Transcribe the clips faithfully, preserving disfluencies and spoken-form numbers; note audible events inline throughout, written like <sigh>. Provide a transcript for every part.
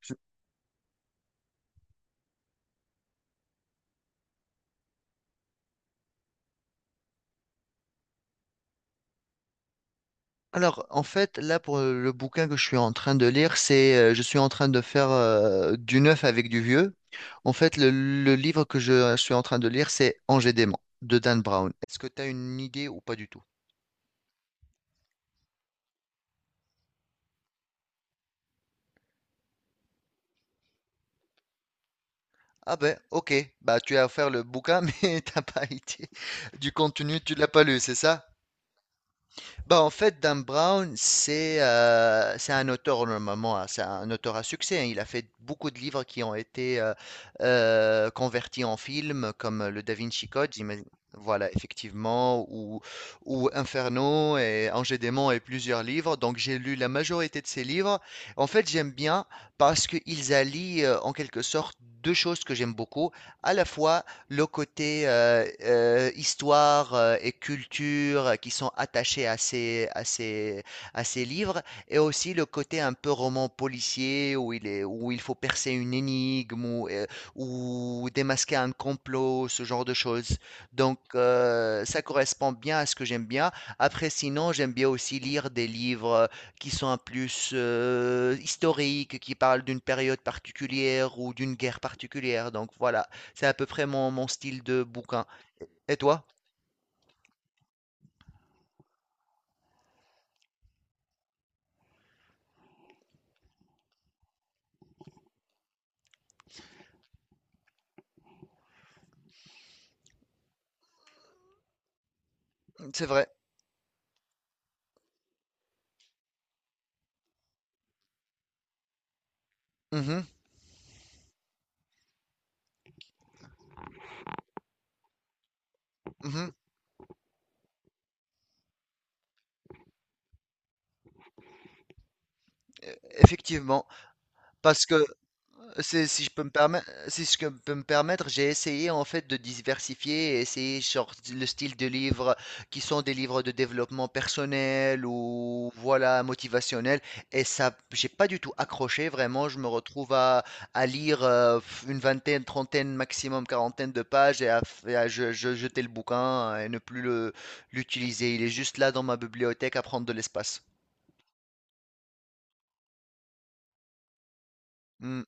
Je- Alors, en fait, là, pour euh, le bouquin que je suis en train de lire, c'est, euh, je suis en train de faire euh, du neuf avec du vieux. En fait, le, le livre que je suis en train de lire, c'est Angers dément de Dan Brown. Est-ce que tu as une idée ou pas du tout? Ah ben, ok, bah tu as offert le bouquin, <laughs> mais t'as pas idée du contenu, tu l'as pas lu, c'est ça? Bah, en fait, Dan Brown, c'est euh, c'est un auteur normalement, hein, c'est un auteur à succès, hein. Il a fait beaucoup de livres qui ont été euh, euh, convertis en films, comme euh, le Da Vinci Code, j'imagine- voilà, effectivement, ou, ou Inferno et Ange et Démon et plusieurs livres. Donc, j'ai lu la majorité de ces livres. En fait, j'aime bien parce qu'ils allient euh, en quelque sorte deux choses que j'aime beaucoup, à la fois le côté euh, euh, histoire euh, et culture euh, qui sont attachés à ces, à ces, à ces livres, et aussi le côté un peu roman policier où il est, où il faut percer une énigme ou, euh, ou démasquer un complot, ce genre de choses. Donc euh, ça correspond bien à ce que j'aime bien. Après, sinon, j'aime bien aussi lire des livres qui sont un plus euh, historiques, qui parlent d'une période particulière ou d'une guerre particulière. Donc voilà. C'est à peu près mon, mon style de bouquin. Et toi? C'est vrai. Mhm, mhm, effectivement. Parce que C'est, si je peux me permettre, si je peux me permettre, j'ai essayé en fait de diversifier et essayer genre le style de livres qui sont des livres de développement personnel ou voilà motivationnel, et ça j'ai pas du tout accroché vraiment, je me retrouve à, à lire euh, une vingtaine, trentaine, maximum quarantaine de pages et à, et à je- je- jeter le bouquin et ne plus le l'utiliser, il est juste là dans ma bibliothèque à prendre de l'espace. Hmm,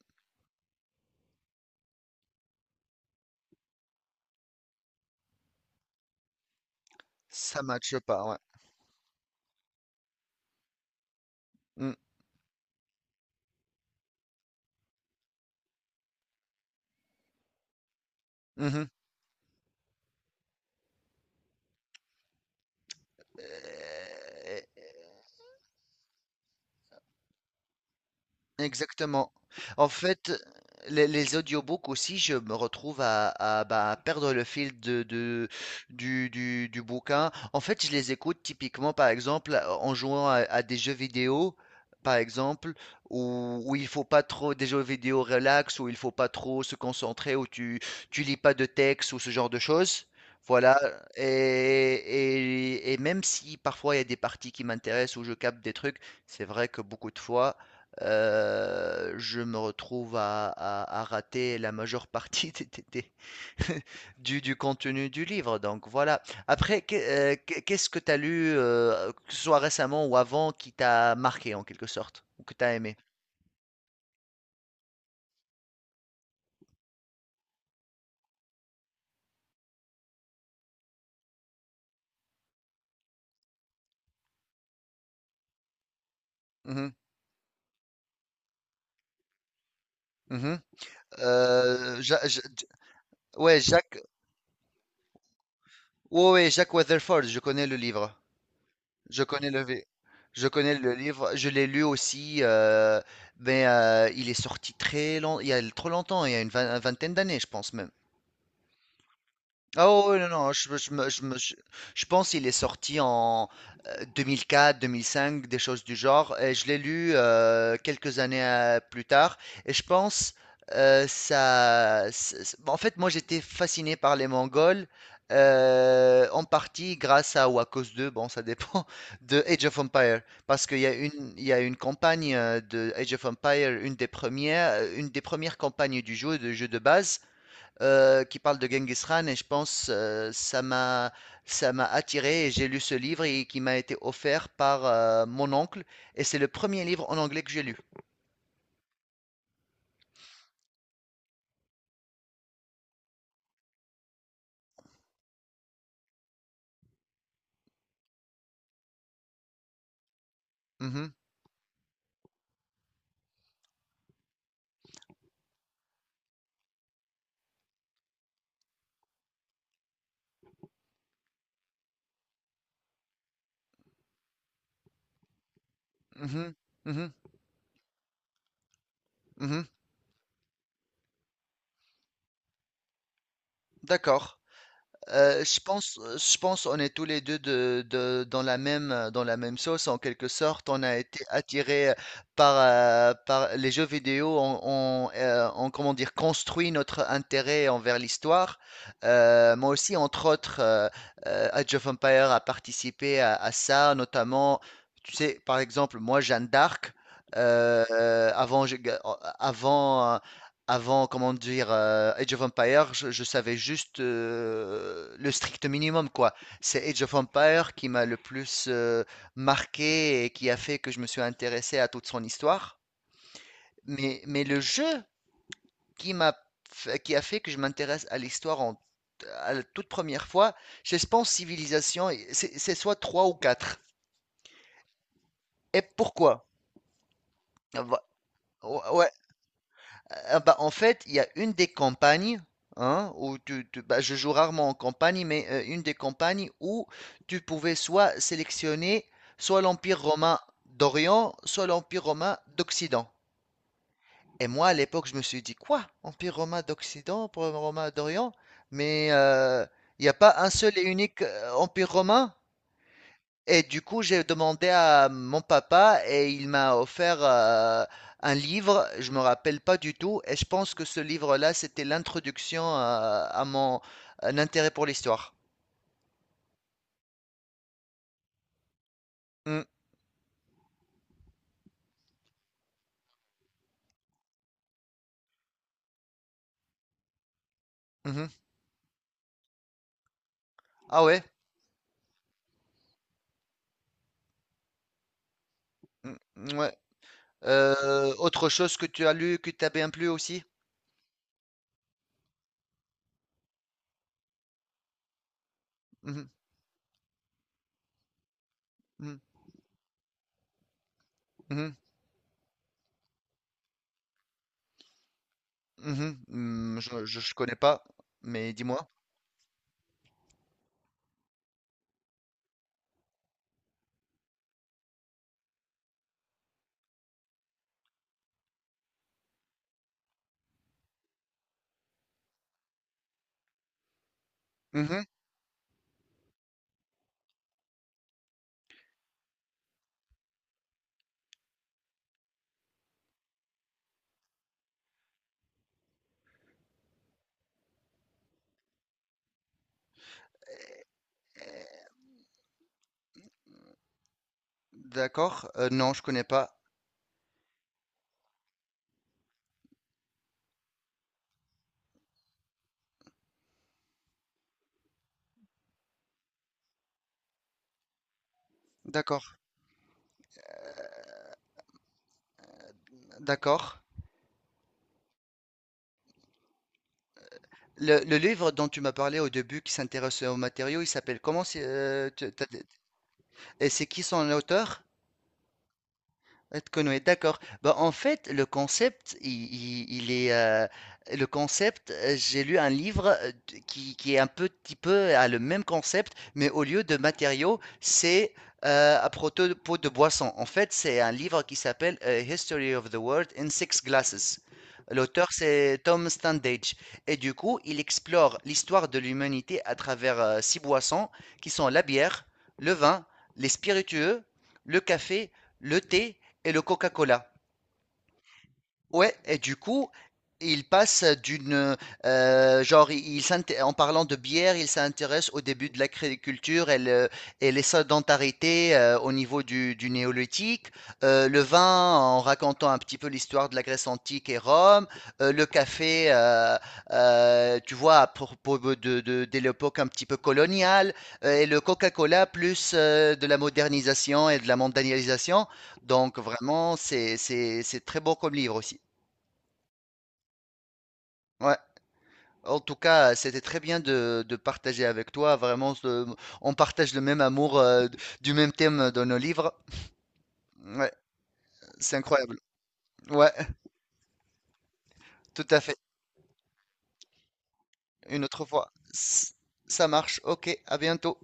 ça matche pas, ouais. Hmm, mhm. Euh, Exactement. En fait, les, les audiobooks aussi, je me retrouve à, à, bah, perdre le fil de, de- du, du- du bouquin. En fait, je les écoute typiquement, par exemple, en jouant à, à des jeux vidéo, par exemple, où, où il faut pas trop, des jeux vidéo relax, où il faut pas trop se concentrer, où tu, tu lis pas de texte ou ce genre de choses. Voilà, et, et, et même si parfois il y a des parties qui m'intéressent où je capte des trucs, c'est vrai que beaucoup de fois, heu, je me retrouve à à à rater la majeure partie <laughs> des des des <laughs> du du contenu du livre, donc voilà. Après, qu'est heu, qu'est qu'est-ce que tu as lu, heu, que ce soit récemment ou avant, qui t'a marqué en quelque sorte ou que tu as aimé? Mhm. Mhm. Mmh mh. Euh, Ja Ja Ja, ouais, Jacques ouais, ouais, Jack Weatherford, je connais le livre. Je connais le, vi- je connais le livre. Je l'ai lu aussi, euh, mais euh, il est sorti très long, il y a trop longtemps, il y a une vingt- une vingtaine d'années, je pense même. Ah ouais, ouais, non, non, je, je me- je me- je- je pense qu'il est sorti en euh, deux mille quatre, deux mille cinq, des choses du genre, et je l'ai lu euh, quelques années euh, plus tard, et je pense, euh, ça... c'est- c'est- En fait, moi j'étais fasciné par les Mongols, euh, en partie grâce à, ou à cause de, bon ça dépend, <laughs> de Age of Empire, parce qu'il y a une, il y a une campagne euh, de Age of Empire, une des premières, euh, une des premières campagnes du jeu, de jeu de base, euh, qui parle de Genghis Khan, et je pense euh, ça m'a, ça m'a attiré et j'ai lu ce livre et qui m'a été offert par euh, mon oncle, et c'est le premier livre en anglais que j'ai lu. Mhm, mhm, mhm, mhm. D'accord. Euh, je pense, euh, je pense, on est tous les deux de, de- dans la même, euh, dans la même sauce en quelque sorte. On a été attirés euh, par, euh, par les jeux vidéo. On, on, euh, on, comment dire, construit notre intérêt envers l'histoire. Euh, moi aussi, entre autres, euh, euh, Age of Empires a participé à, à ça, notamment. Tu sais, par exemple, moi, Jeanne d'Arc. Euh, euh, avant, je- euh, avant avant, comment dire, euh, Age of Empire, je, je savais juste euh, le strict minimum, quoi. C'est Age of Empire qui m'a le plus euh, marqué et qui a fait que je me suis intéressé à toute son histoire. Mais, mais le jeu qui m'a, f- qui a fait que je m'intéresse à l'histoire en, à la toute première fois, je pense Civilisation, c'est c'est soit trois ou quatre. Et pourquoi? Ouais, ah bah, en fait, il y a une des campagnes, hein, où tu, tu- bah, je joue rarement en campagne, mais euh, une des campagnes où tu pouvais soit sélectionner soit l'Empire romain d'Orient, soit l'Empire romain d'Occident. Et moi, à l'époque, je me suis dit, quoi? Empire romain d'Occident, Empire romain d'Orient? Mais euh, il n'y a pas un seul et unique euh, Empire romain? Et du coup, j'ai demandé à mon papa et il m'a offert euh, un livre, je me rappelle pas du tout, et je pense que ce livre-là, c'était l'introduction euh, à mon un intérêt pour l'histoire. Mm, mhm. Ah ouais? Mm, ouais. Euh, autre chose que tu as lu, que t'as bien plu aussi? Mhm, mhm, mhm, Mm, mhm. Mm, je, je, je connais pas, mais dis-moi. Mm, Mhm, d'accord. Euh, non, je connais pas. D'accord, d'accord. Le, le livre dont tu m'as parlé au début qui s'intéresse aux matériaux, il s'appelle comment c'est, euh, tu- t'as- et c'est qui son auteur? Ed Conway, d'accord. Bah, en fait, le concept, il, il- il est, euh, le concept, euh, j'ai lu un livre euh, d- qui, qui est un petit peu à le même concept, mais au lieu de matériaux, c'est euh, à propos de boissons. En fait, c'est un livre qui s'appelle euh, History of the World in Six Glasses. L'auteur, c'est Tom Standage. Et du coup, il explore l'histoire de l'humanité à travers euh, six boissons qui sont la bière, le vin, les spiritueux, le café, le thé et le Coca-Cola. Ouais, et du coup, il passe d'une euh, genre, il, il s'int- en parlant de bière, il s'intéresse au début de l'agriculture et, le- et les sédentarités euh, au niveau du, du néolithique, euh, le vin en racontant un petit peu l'histoire de la Grèce antique et Rome, euh, le café, euh, euh, tu vois, à propos de, de, de l'époque un petit peu coloniale, euh, et le Coca-Cola plus euh, de la modernisation et de la mondialisation. Donc vraiment, c'est c'est- c'est très beau comme livre aussi. Ouais, en tout cas, euh, c'était très bien de, de partager avec toi. Vraiment, ce- on partage le même amour euh, du même thème dans nos livres. Ouais, c'est incroyable. Ouais, tout à fait. Une autre fois. S- Ça marche. Ok, à bientôt.